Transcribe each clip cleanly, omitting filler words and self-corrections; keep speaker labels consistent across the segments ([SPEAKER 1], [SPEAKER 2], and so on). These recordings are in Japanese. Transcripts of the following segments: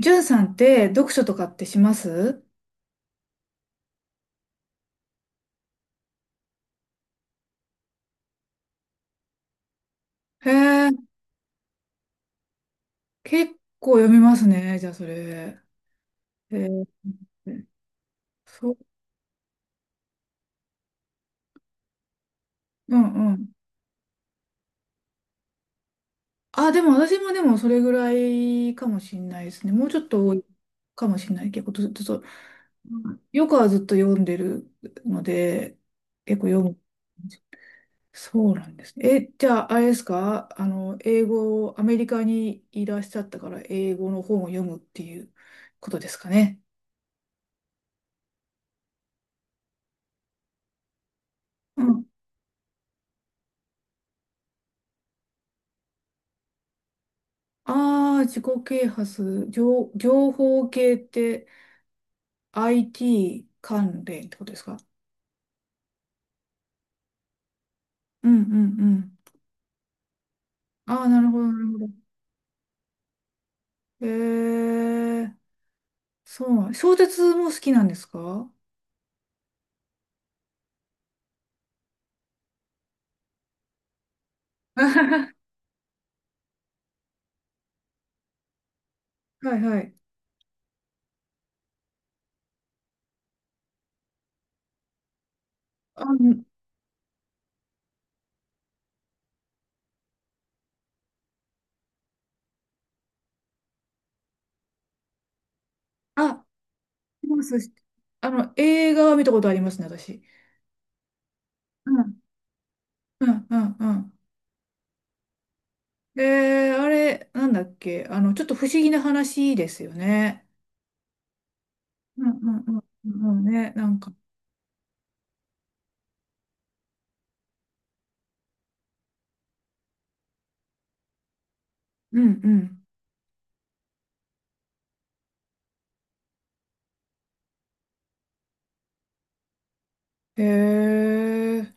[SPEAKER 1] じゅんさんって読書とかってします？へえ、結構読みますね、じゃあそれ。へえ、そう、うんうん。あ、でも私もでもそれぐらいかもしんないですね。もうちょっと多いかもしんない。結構ずっと、そうよくはずっと読んでるので、結構読む。そうなんですね。え、じゃああれですか英語、アメリカにいらっしゃったから英語の本を読むっていうことですかね。ああ、自己啓発、情、情報系って IT 関連ってことですか？うんうんうん。ああ、なるほど、なるほど。ええ、そうなん。小説も好きなんですか？ はいはい。あ、うん、あ、います。あの、映画は見たことありますね、私。うんうんうんうん。あれ、なんだっけ、ちょっと不思議な話ですよね。うんうんうんうんうんね、なんか。うんうん。へえ。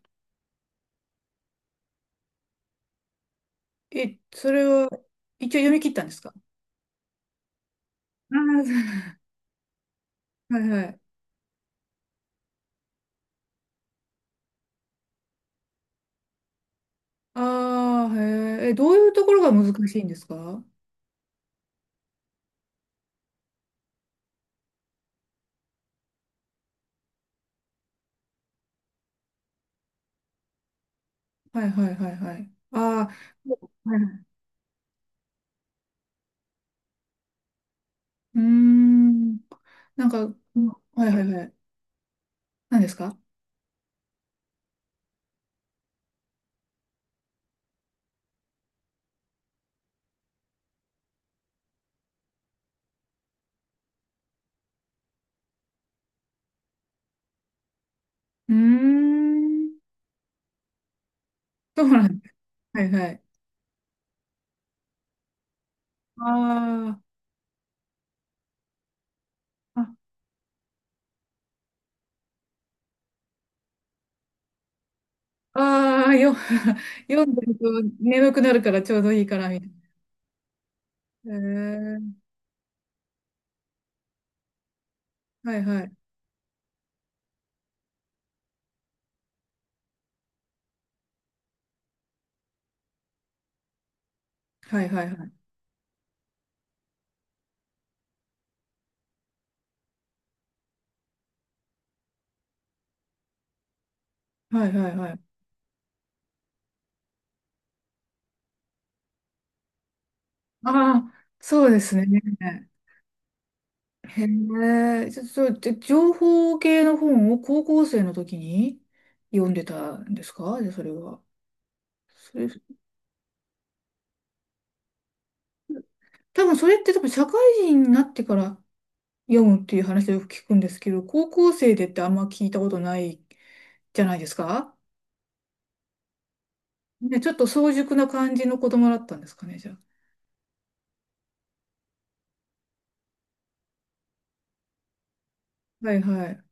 [SPEAKER 1] え、それは一応読み切ったんですか？ ああ、そう、はいはい。ああ、へえ。え、どういうところが難しいんですか？はいはいはいはい。ああ、そう、はいはい。うーん。なんか、うん、はいはいはい。何ですか？うーん。そうなんです。はいはい。ああ、ああー、よ、読んでると眠くなるからちょうどいいからみたいな。へえ。はいはい。はいはいはい。はいはいはい。ああ、そうですね。へえ、ちょそう、で、情報系の本を高校生の時に読んでたんですか？で、それは。それ、多分それって多分社会人になってから読むっていう話をよく聞くんですけど、高校生でってあんま聞いたことないじゃないですか？ね、ちょっと早熟な感じの子供だったんですかね、じゃあ。はいはい。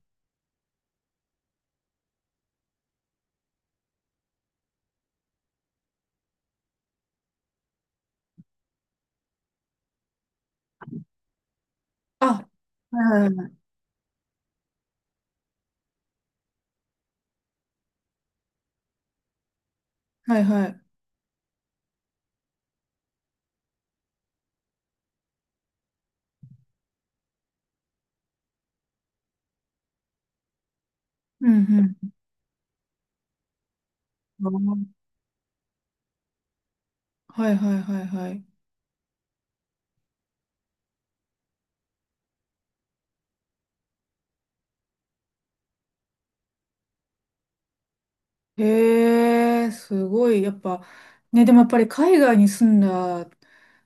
[SPEAKER 1] あ、はいはいはい。はいはい。うんうん。はいはいはいはい。へえ、すごい。やっぱ、ね、でもやっぱり海外に住んだ、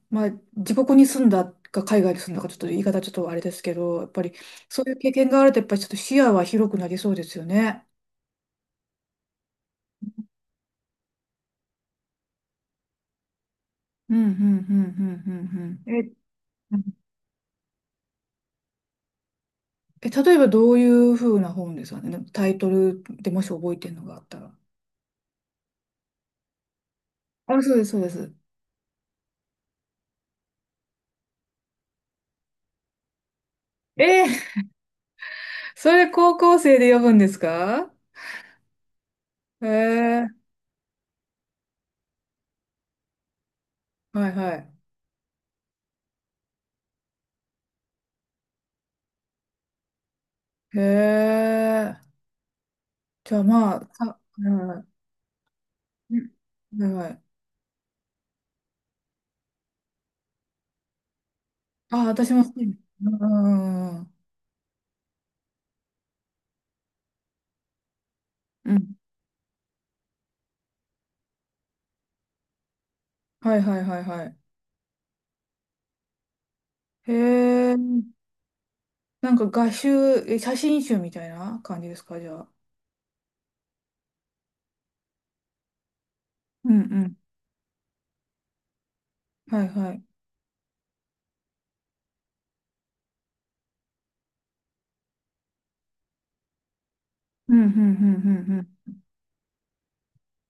[SPEAKER 1] まあ、自国に住んだか海外に住んだか、ちょっと言い方ちょっとあれですけど、やっぱりそういう経験があると、やっぱりちょっと視野は広くなりそうですよね。うん、うん、うん、うん、うん。うんえ、うんえ、例えばどういうふうな本ですかね。タイトルでもし覚えてるのがあったら。あ、そうです、そうです。えー、それ高校生で読むんですか？へえ、はいはい。へえ。じゃあまあ、さ、うん、うん、はいはい。あ、私も好き。うん、うん、うん。はいはいはいはい。へえ、なんか画集、え、写真集みたいな感じですか、じゃあ。うんうん。はいはい。うん、うん、うん、うん、うん。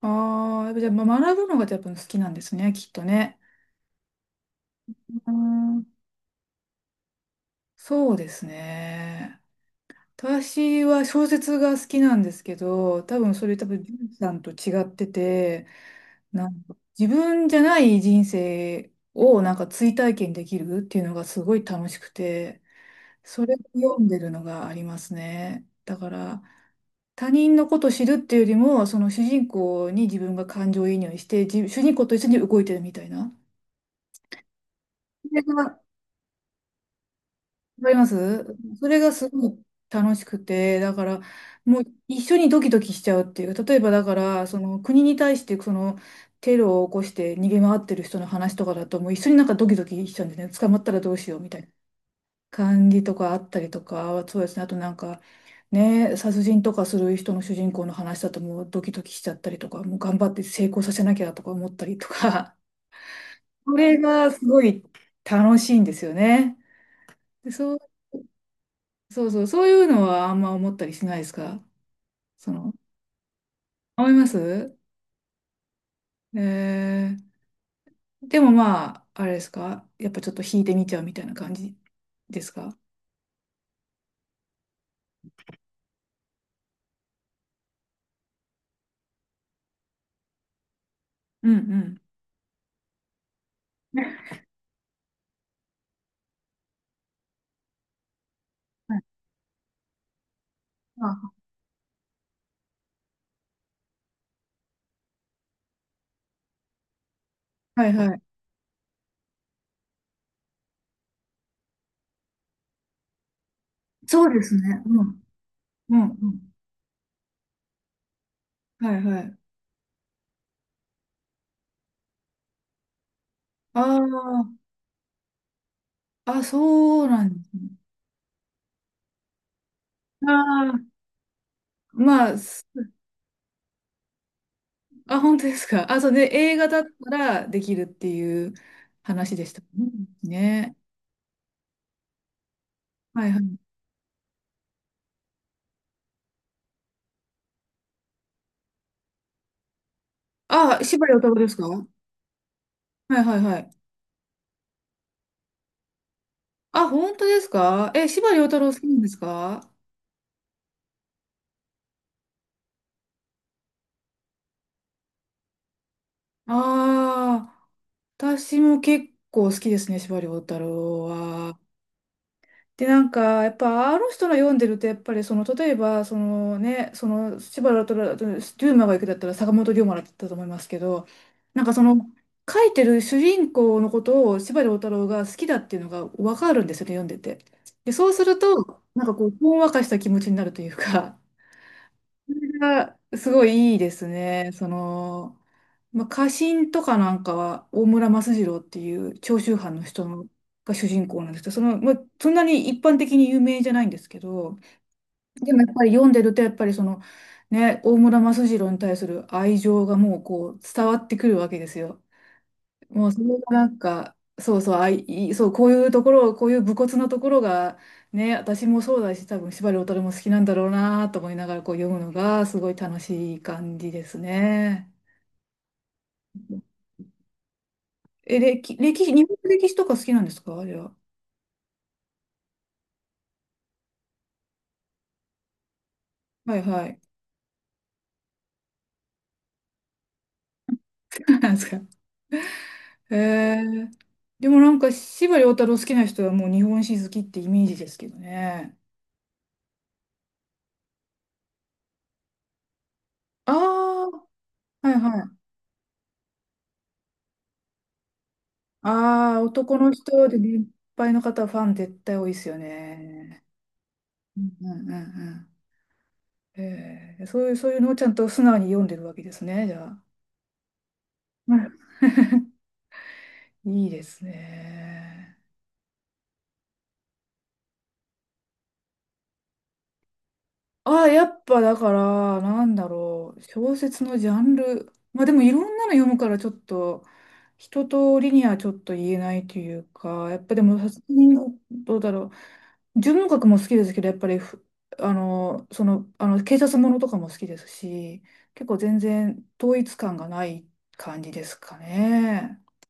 [SPEAKER 1] ああ、やっぱじゃあ、ま学ぶのがやっぱ好きなんですね、きっとね。うん、そうですね。私は小説が好きなんですけど、多分それ多分、ジュンさんと違ってて、なんか自分じゃない人生をなんか追体験できるっていうのがすごい楽しくて、それを読んでるのがありますね。だから、他人のことを知るっていうよりも、その主人公に自分が感情移入して、じ主人公と一緒に動いてるみたいな。それがわかります、それがすごい楽しくて、だから、もう一緒にドキドキしちゃうっていう、例えばだから、その国に対してそのテロを起こして逃げ回ってる人の話とかだと、もう一緒になんかドキドキしちゃうんですね、捕まったらどうしようみたいな感じとかあったりとか、そうですね、あとなんか、ね、殺人とかする人の主人公の話だと、もうドキドキしちゃったりとか、もう頑張って成功させなきゃとか思ったりとか、それがすごい楽しいんですよね。でそうそうそう、そういうのはあんま思ったりしないですか？その、思います。えでもまあ、あれですかやっぱちょっと引いてみちゃうみたいな感じですか？うんうん。はい、あ、はいはい。そうですね。うん。うんうん。はいはい。ああ、あ、そうなんですね。ああ、まあ、す、あ、本当ですか。あ、そうね、映画だったらできるっていう話でしたね。ね。はいはい。あ、柴良太郎ですか？はいはいはい。あ、本当ですか？え、司馬遼太郎好きなんですか？ああー、私も結構好きですね、司馬遼太郎は。で、なんか、やっぱ、あの人の読んでると、やっぱり、その、例えば、そのね、その、司馬遼太郎、龍馬が行くだったら、坂本龍馬だったと思いますけど、なんかその、書いてる主人公のことを司馬遼太郎が好きだっていうのが分かるんですよね、読んでて。で、そうすると、なんかこう、ほんわかした気持ちになるというか、それがすごいいいですね、その、まあ、家臣とかなんかは大村益次郎っていう長州藩の人が主人公なんですけど、その、まあ、そんなに一般的に有名じゃないんですけど、でもやっぱり読んでるとやっぱりその、ね、大村益次郎に対する愛情がもうこう伝わってくるわけですよ。もうそれがなんか、そうそう、あい、いそう、こういうところ、こういう武骨なところが、ね、私もそうだし、多分司馬遼太郎も好きなんだろうなと思いながらこう読むのがすごい楽しい感じですね。え、歴、歴史、日本の歴史とか好きなんですか、じゃあ。はいはい。なんですか。へえ。でもなんか、司馬遼太郎好きな人はもう日本史好きってイメージですけどね。ああ、はいはい。ああ、男の人で年配の方はファン絶対多いですよね。うんうんうんうん。へえ、そういう、そういうのをちゃんと素直に読んでるわけですね、じゃあ。うん、いいですね。あ、やっぱだから、なんだろう、小説のジャンル。まあでもいろんなの読むからちょっと、一通りにはちょっと言えないというか、やっぱでも、さすがにどうだろう。純文学も好きですけど、やっぱりふ、あの、その、あの、警察ものとかも好きですし、結構全然統一感がない感じですかね。